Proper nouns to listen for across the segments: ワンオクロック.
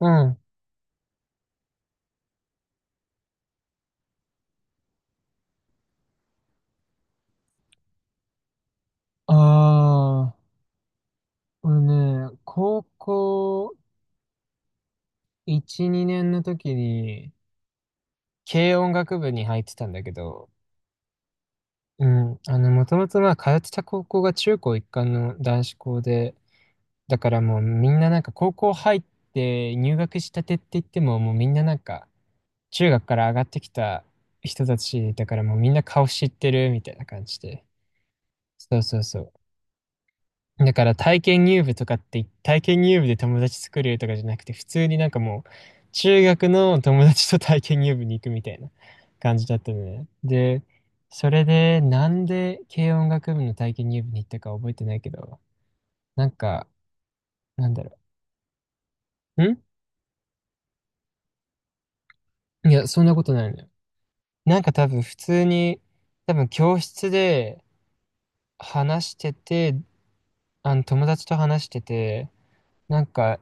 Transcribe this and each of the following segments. うん。ああ、俺ね、高校1、2年の時に、軽音楽部に入ってたんだけど、もともと通ってた高校が中高一貫の男子校で、だからもうみんななんか高校入って入学したてって言っても、もうみんななんか、中学から上がってきた人たちだからもうみんな顔知ってるみたいな感じで。そうそうそう。だから体験入部とかって、体験入部で友達作れるとかじゃなくて、普通になんかもう、中学の友達と体験入部に行くみたいな感じだったのね。で、それで、なんで軽音楽部の体験入部に行ったか覚えてないけど、なんか、なんだろう。んいや、そんなことないのよ。なんか多分普通に、多分教室で話してて、あの友達と話してて、なんか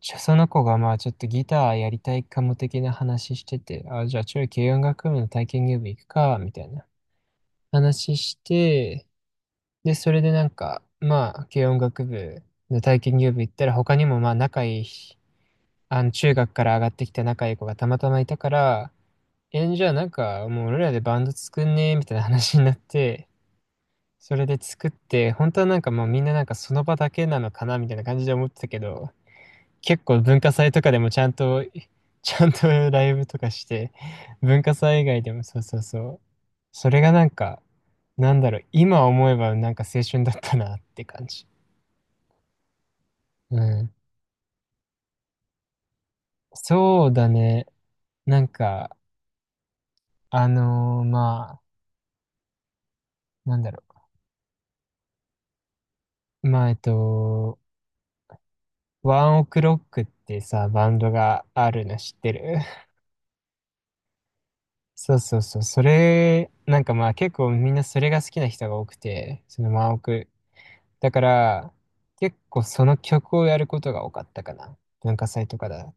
じゃあその子がまあちょっとギターやりたいかも的な話してて、あ、じゃあちょい軽音楽部の体験入部行くか、みたいな話して、で、それでなんか、まあ軽音楽部の体験入部行ったら他にもまあ仲いい、あの中学から上がってきた仲いい子がたまたまいたから、え、じゃあなんかもう俺らでバンド作んねみたいな話になって、それで作って、本当はなんかもうみんななんかその場だけなのかなみたいな感じで思ってたけど、結構文化祭とかでもちゃんと、ちゃんとライブとかして、文化祭以外でもそうそうそう。それがなんか、なんだろう、今思えばなんか青春だったなって感じ。うん。そうだね。なんか、あのーまあ、なんだろう。まあ、えっと、ワンオクロックってさ、バンドがあるの知ってる？そうそうそう。それ、なんかまあ結構みんなそれが好きな人が多くて、そのワンオクだから、結構その曲をやることが多かったかな。文化祭とかだ。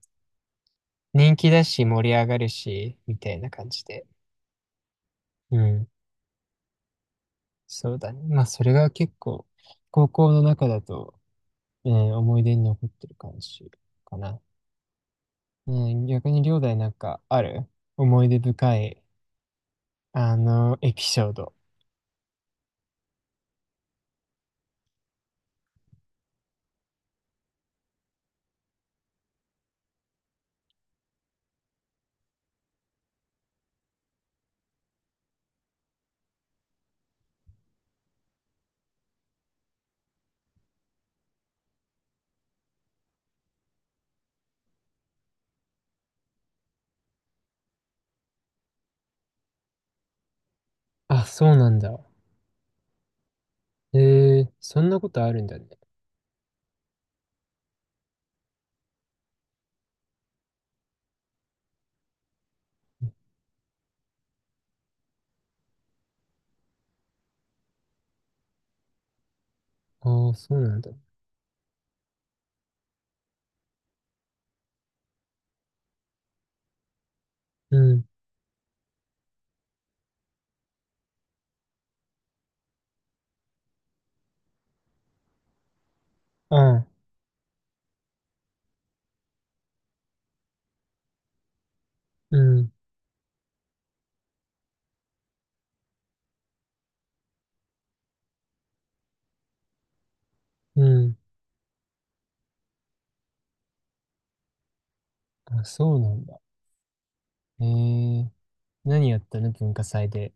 人気だし、盛り上がるし、みたいな感じで。うん。そうだね。まあ、それが結構、高校の中だと、うん、思い出に残ってる感じかな。うん、逆に、両大なんかある？思い出深い、あの、エピソード。あ、そうなんだ。えー、そんなことあるんだね。ああ、そうなんだ。うん、ああ、うん、うん。あ、そうなんだ。えー、何やったの？文化祭で。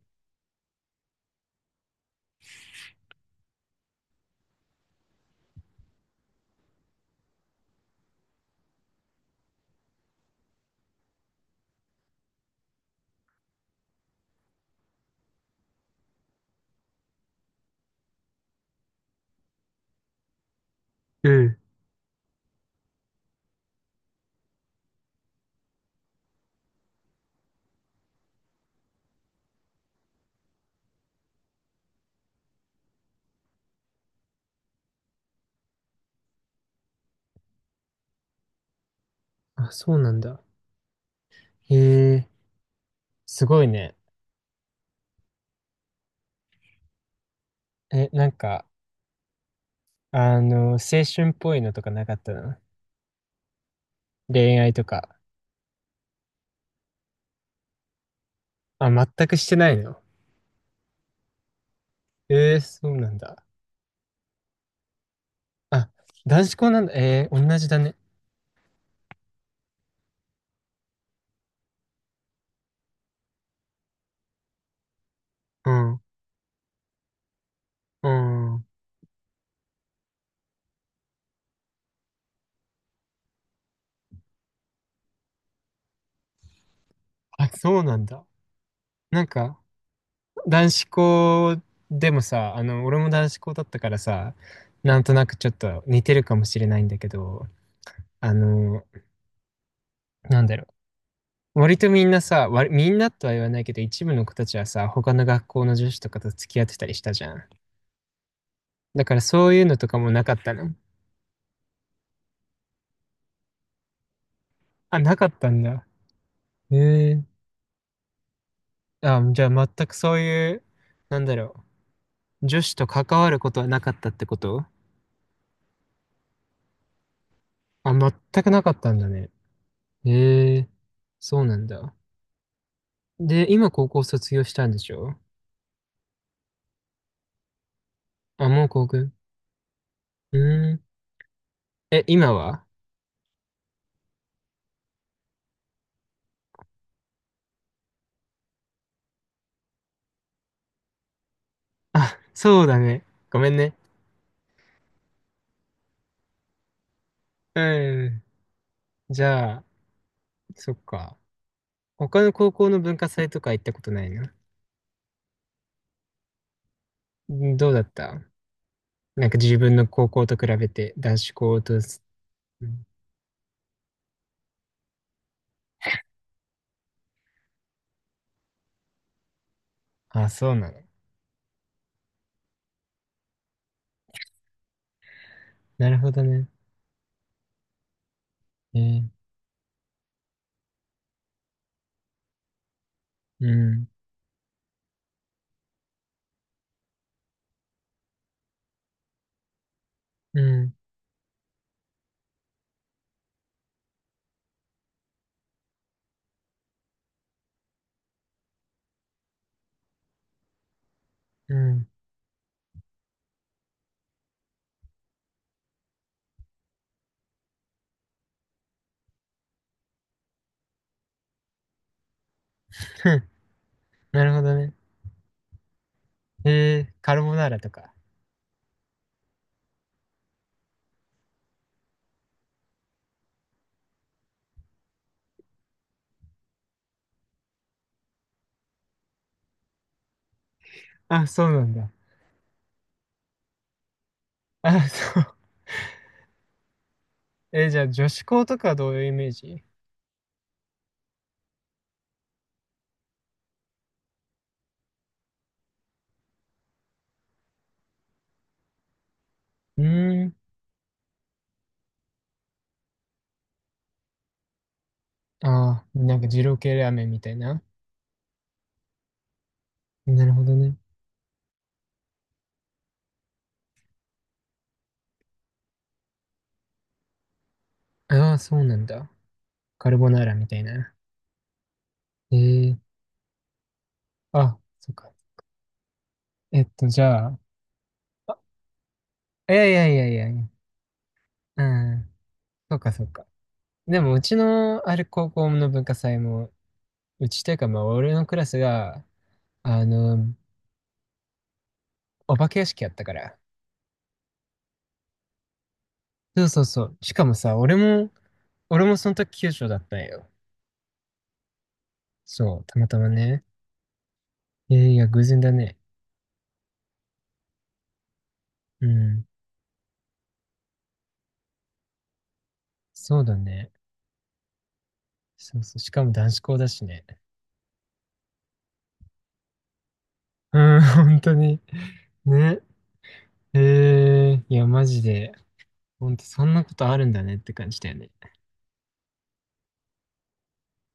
うん。あ、そうなんだ。へえ、すごいね。え、なんか、あの、青春っぽいのとかなかったの？恋愛とか。あ、全くしてないの？えー、そうなんだ。あ、男子校なんだ。えー、同じだね。うん。うん。あ、そうなんだ。なんか、男子校でもさ、あの、俺も男子校だったからさ、なんとなくちょっと似てるかもしれないんだけど、あの、なんだろう割とみんなさ、割みんなとは言わないけど、一部の子たちはさ、他の学校の女子とかと付き合ってたりしたじゃん。だからそういうのとかもなかったの？あ、なかったんだ。へえ。あ、じゃあ全くそういう、なんだろう、女子と関わることはなかったってこと？あ、全くなかったんだね。へえ、そうなんだ。で、今高校卒業したんでしょ？あ、もう高校。うーん。え、今は？あ、そうだね。ごめんね。うん。じゃあ、そっか。他の高校の文化祭とか行ったことないな。んどうだった？なんか自分の高校と比べて男子校とす、うん、あ、そうなの。なるほどね。えー、うん、うん、うん。ふん、なるほどね。えー、カルボナーラとか。あ、そうなんだ。あ、そう。えー、じゃあ女子校とかはどういうイメージ？うーん。ああ、なんか二郎系ラーメンみたいな。なるほどね。ああ、そうなんだ。カルボナーラみたいな。ええ、あ、そっか。えっと、じゃあ、いやいやいやいやいや。うん。そうかそうか。でもうちのある高校の文化祭も、うちというかまあ俺のクラスが、あの、お化け屋敷やったから。そうそうそう。しかもさ、俺もその時九州だったんよ。そう、たまたまね。いやいや、偶然だね。うん。そうだね。そうそう。しかも男子校だしね。うん、本当に。ね。えー、いや、マジで。本当そんなことあるんだねって感じだよね。